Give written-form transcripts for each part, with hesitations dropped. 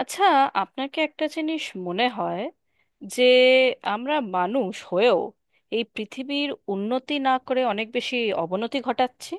আচ্ছা, আপনাকে একটা জিনিস মনে হয় যে আমরা মানুষ হয়েও এই পৃথিবীর উন্নতি না করে অনেক বেশি অবনতি ঘটাচ্ছি?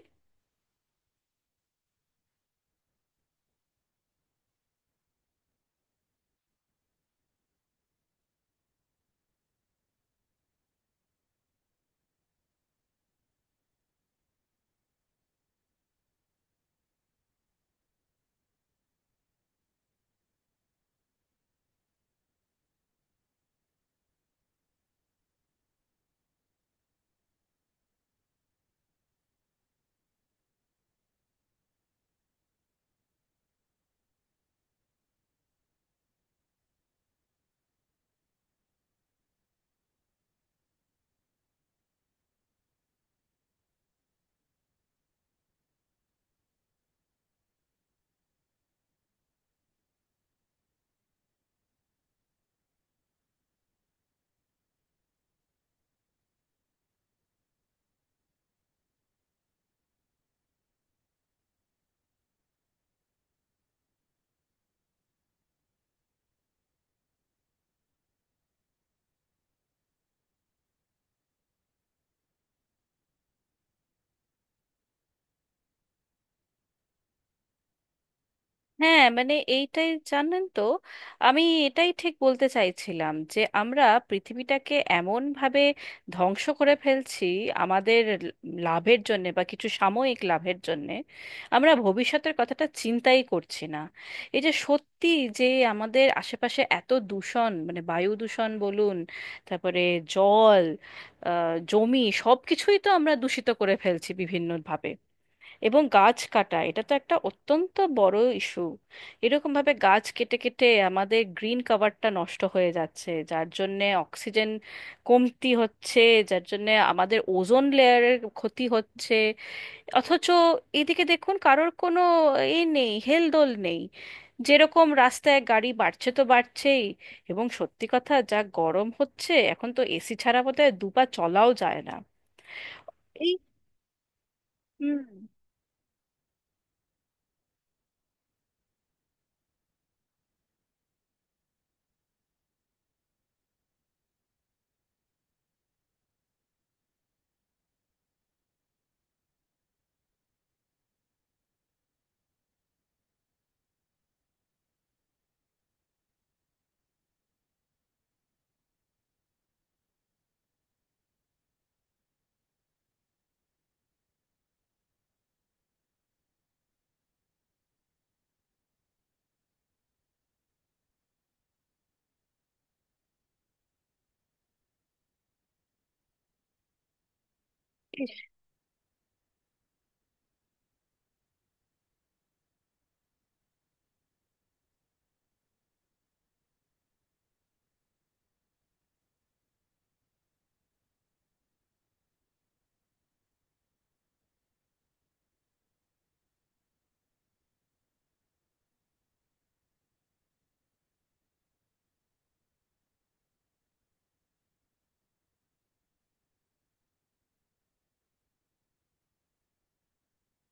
হ্যাঁ, মানে এইটাই, জানেন তো, আমি এটাই ঠিক বলতে চাইছিলাম যে আমরা পৃথিবীটাকে এমন ভাবে ধ্বংস করে ফেলছি আমাদের লাভের জন্য বা কিছু সাময়িক লাভের জন্য। আমরা ভবিষ্যতের কথাটা চিন্তাই করছি না। এই যে সত্যি, যে আমাদের আশেপাশে এত দূষণ, মানে বায়ু দূষণ বলুন, তারপরে জল, জমি, সব কিছুই তো আমরা দূষিত করে ফেলছি বিভিন্নভাবে। এবং গাছ কাটা, এটা তো একটা অত্যন্ত বড় ইস্যু। এরকম ভাবে গাছ কেটে কেটে আমাদের গ্রিন কভারটা নষ্ট হয়ে যাচ্ছে, যার জন্যে অক্সিজেন কমতি হচ্ছে, যার জন্যে আমাদের ওজোন লেয়ারের ক্ষতি হচ্ছে। অথচ এদিকে দেখুন, কারোর কোনো এ নেই, হেলদোল নেই। যেরকম রাস্তায় গাড়ি বাড়ছে তো বাড়ছেই, এবং সত্যি কথা, যা গরম হচ্ছে এখন তো এসি ছাড়া বোধহয় দুপা চলাও যায় না। এই, হুম।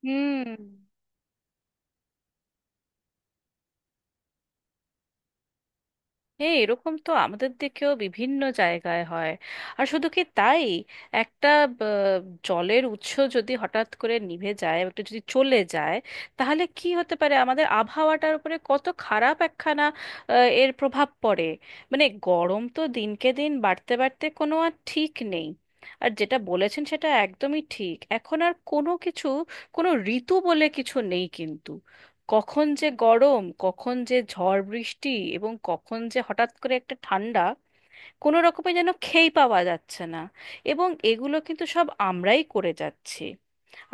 হুম। হ্যাঁ, এরকম তো আমাদের দিকেও বিভিন্ন জায়গায় হয়। আর শুধু কি তাই, একটা আহ, জলের উৎস যদি হঠাৎ করে নিভে যায়, একটু যদি চলে যায়, তাহলে কি হতে পারে আমাদের আবহাওয়াটার উপরে কত খারাপ একখানা আহ, এর প্রভাব পড়ে। মানে গরম তো দিনকে দিন বাড়তে বাড়তে কোনো আর ঠিক নেই। আর যেটা বলেছেন সেটা একদমই ঠিক, এখন আর কোনো কিছু, কোনো ঋতু বলে কিছু নেই কিন্তু। কখন যে গরম, কখন যে ঝড় বৃষ্টি এবং কখন যে হঠাৎ করে একটা ঠান্ডা, কোনো রকমে যেন খেই পাওয়া যাচ্ছে না। এবং এগুলো কিন্তু সব আমরাই করে যাচ্ছি।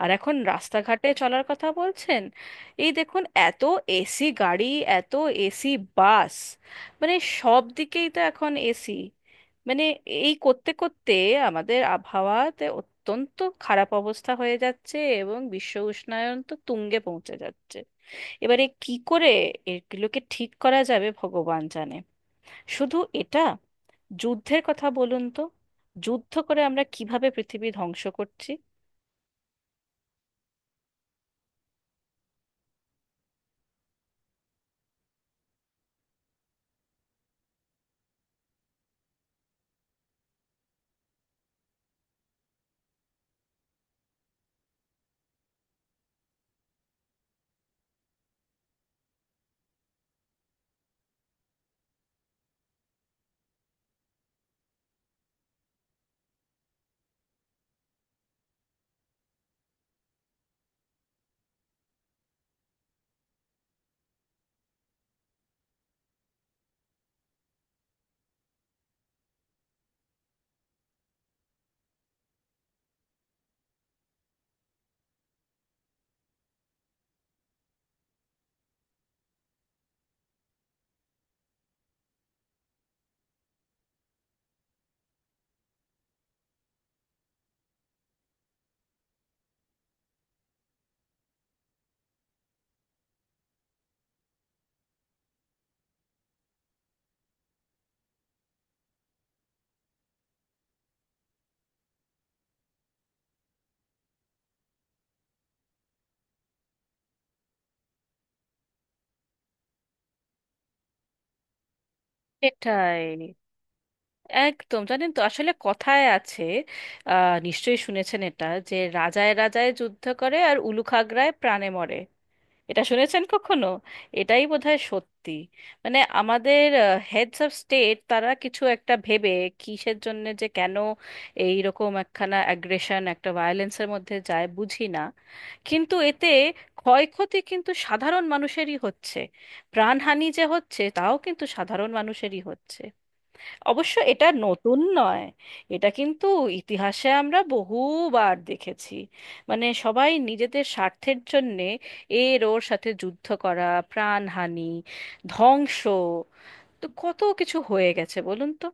আর এখন রাস্তাঘাটে চলার কথা বলছেন, এই দেখুন, এত এসি গাড়ি, এত এসি বাস, মানে সব দিকেই তো এখন এসি। মানে এই করতে করতে আমাদের আবহাওয়াতে অত্যন্ত খারাপ অবস্থা হয়ে যাচ্ছে এবং বিশ্ব উষ্ণায়ন তো তুঙ্গে পৌঁছে যাচ্ছে। এবারে কি করে এগুলোকে ঠিক করা যাবে ভগবান জানে। শুধু এটা, যুদ্ধের কথা বলুন তো, যুদ্ধ করে আমরা কিভাবে পৃথিবী ধ্বংস করছি! সেটাই, একদম। জানেন তো, আসলে কথায় আছে, নিশ্চয়ই শুনেছেন এটা, যে রাজায় রাজায় যুদ্ধ করে আর উলুখাগড়ায় প্রাণে মরে। এটা শুনেছেন কখনো? এটাই বোধহয় সত্যি। মানে আমাদের হেডস অফ স্টেট, তারা কিছু একটা ভেবে, কিসের জন্য যে কেন এই রকম একখানা অ্যাগ্রেশন, একটা ভায়োলেন্সের মধ্যে যায় বুঝি না। কিন্তু এতে ক্ষয়ক্ষতি কিন্তু সাধারণ মানুষেরই হচ্ছে, প্রাণহানি যে হচ্ছে তাও কিন্তু সাধারণ মানুষেরই হচ্ছে। অবশ্য এটা নতুন নয়, এটা কিন্তু ইতিহাসে আমরা বহুবার দেখেছি। মানে সবাই নিজেদের স্বার্থের জন্যে এর ওর সাথে যুদ্ধ করা, প্রাণহানি, ধ্বংস, তো কত কিছু হয়ে গেছে বলুন তো।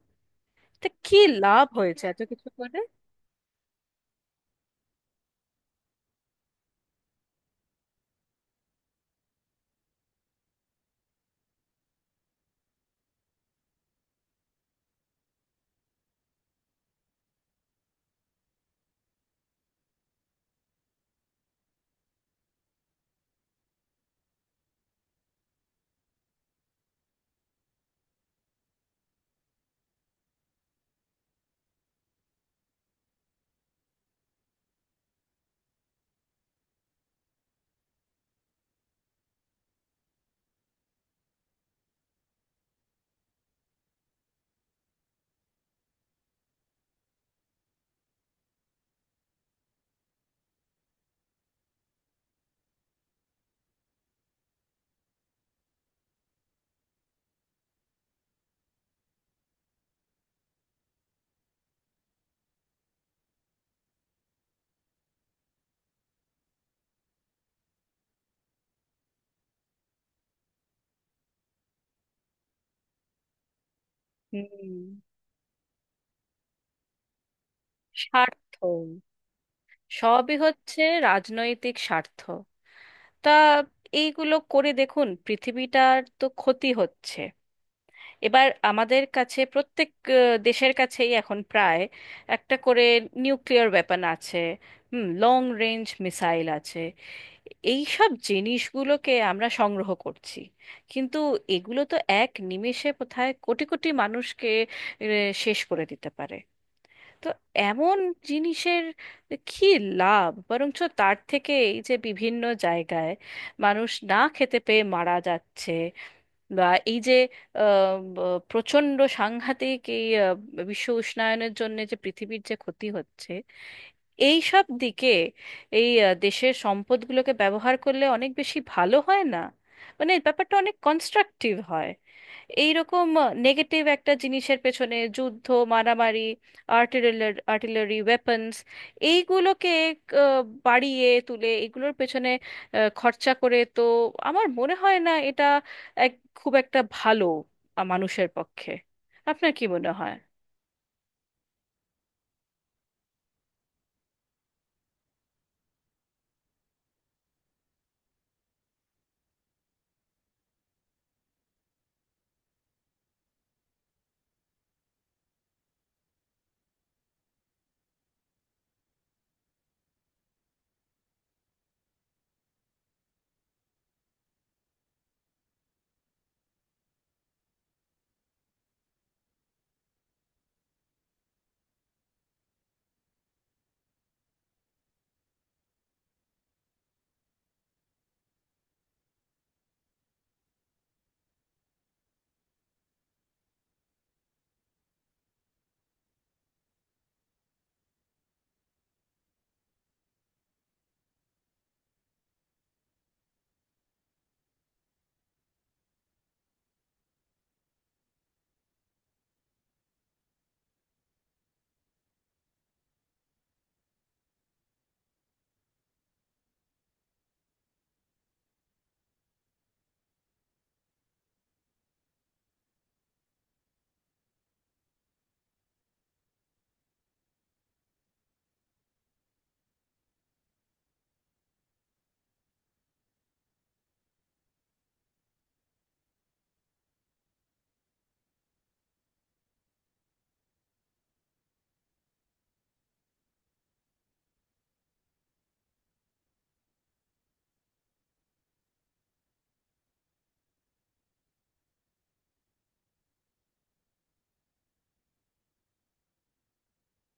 তা কি লাভ হয়েছে এত কিছু করে? হুম, স্বার্থ। সবই হচ্ছে রাজনৈতিক স্বার্থ। তা এইগুলো করে দেখুন পৃথিবীটার তো ক্ষতি হচ্ছে। এবার আমাদের কাছে প্রত্যেক আহ, দেশের কাছেই এখন প্রায় একটা করে নিউক্লিয়ার ওয়েপন আছে, হুম, লং রেঞ্জ মিসাইল আছে, এই সব জিনিসগুলোকে আমরা সংগ্রহ করছি। কিন্তু এগুলো তো এক নিমেষে কোথায় কোটি কোটি মানুষকে শেষ করে দিতে পারে। তো এমন জিনিসের কি লাভ? বরঞ্চ তার থেকে এই যে বিভিন্ন জায়গায় মানুষ না খেতে পেয়ে মারা যাচ্ছে, বা এই যে প্রচণ্ড সাংঘাতিক এই বিশ্ব উষ্ণায়নের জন্য যে পৃথিবীর যে ক্ষতি হচ্ছে, এই সব দিকে এই দেশের সম্পদগুলোকে ব্যবহার করলে অনেক বেশি ভালো হয় না? মানে এই ব্যাপারটা অনেক কনস্ট্রাকটিভ হয়। এইরকম নেগেটিভ একটা জিনিসের পেছনে, যুদ্ধ, মারামারি, আর্টিলারি আর্টিলারি ওয়েপন্স, এইগুলোকে আহ, বাড়িয়ে তুলে এগুলোর পেছনে খরচা করে, তো আমার মনে হয় না এটা এক খুব একটা ভালো মানুষের পক্ষে। আপনার কি মনে হয়?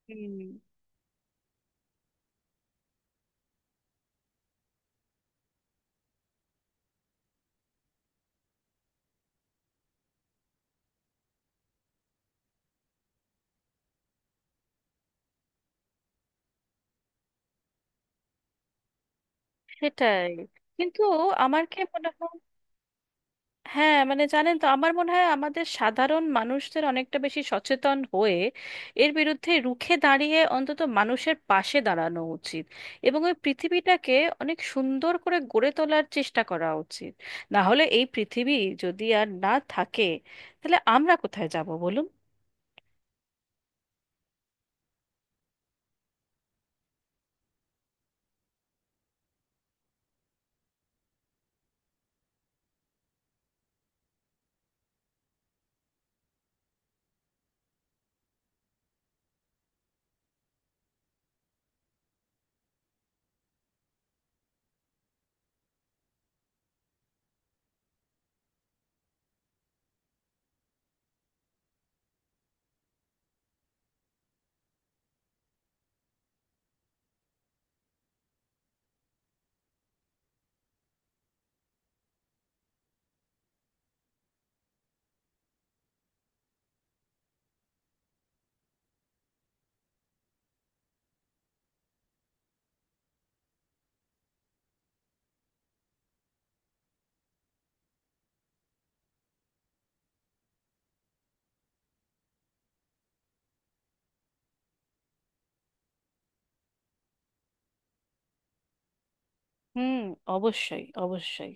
হুম, সেটাই। কিন্তু আমার কি মনে হয়, হ্যাঁ, মানে জানেন তো, আমার মনে হয় আমাদের সাধারণ মানুষদের অনেকটা বেশি সচেতন হয়ে এর বিরুদ্ধে রুখে দাঁড়িয়ে অন্তত মানুষের পাশে দাঁড়ানো উচিত এবং ওই পৃথিবীটাকে অনেক সুন্দর করে গড়ে তোলার চেষ্টা করা উচিত। না হলে এই পৃথিবী যদি আর না থাকে, তাহলে আমরা কোথায় যাব বলুন? হুম, অবশ্যই, অবশ্যই।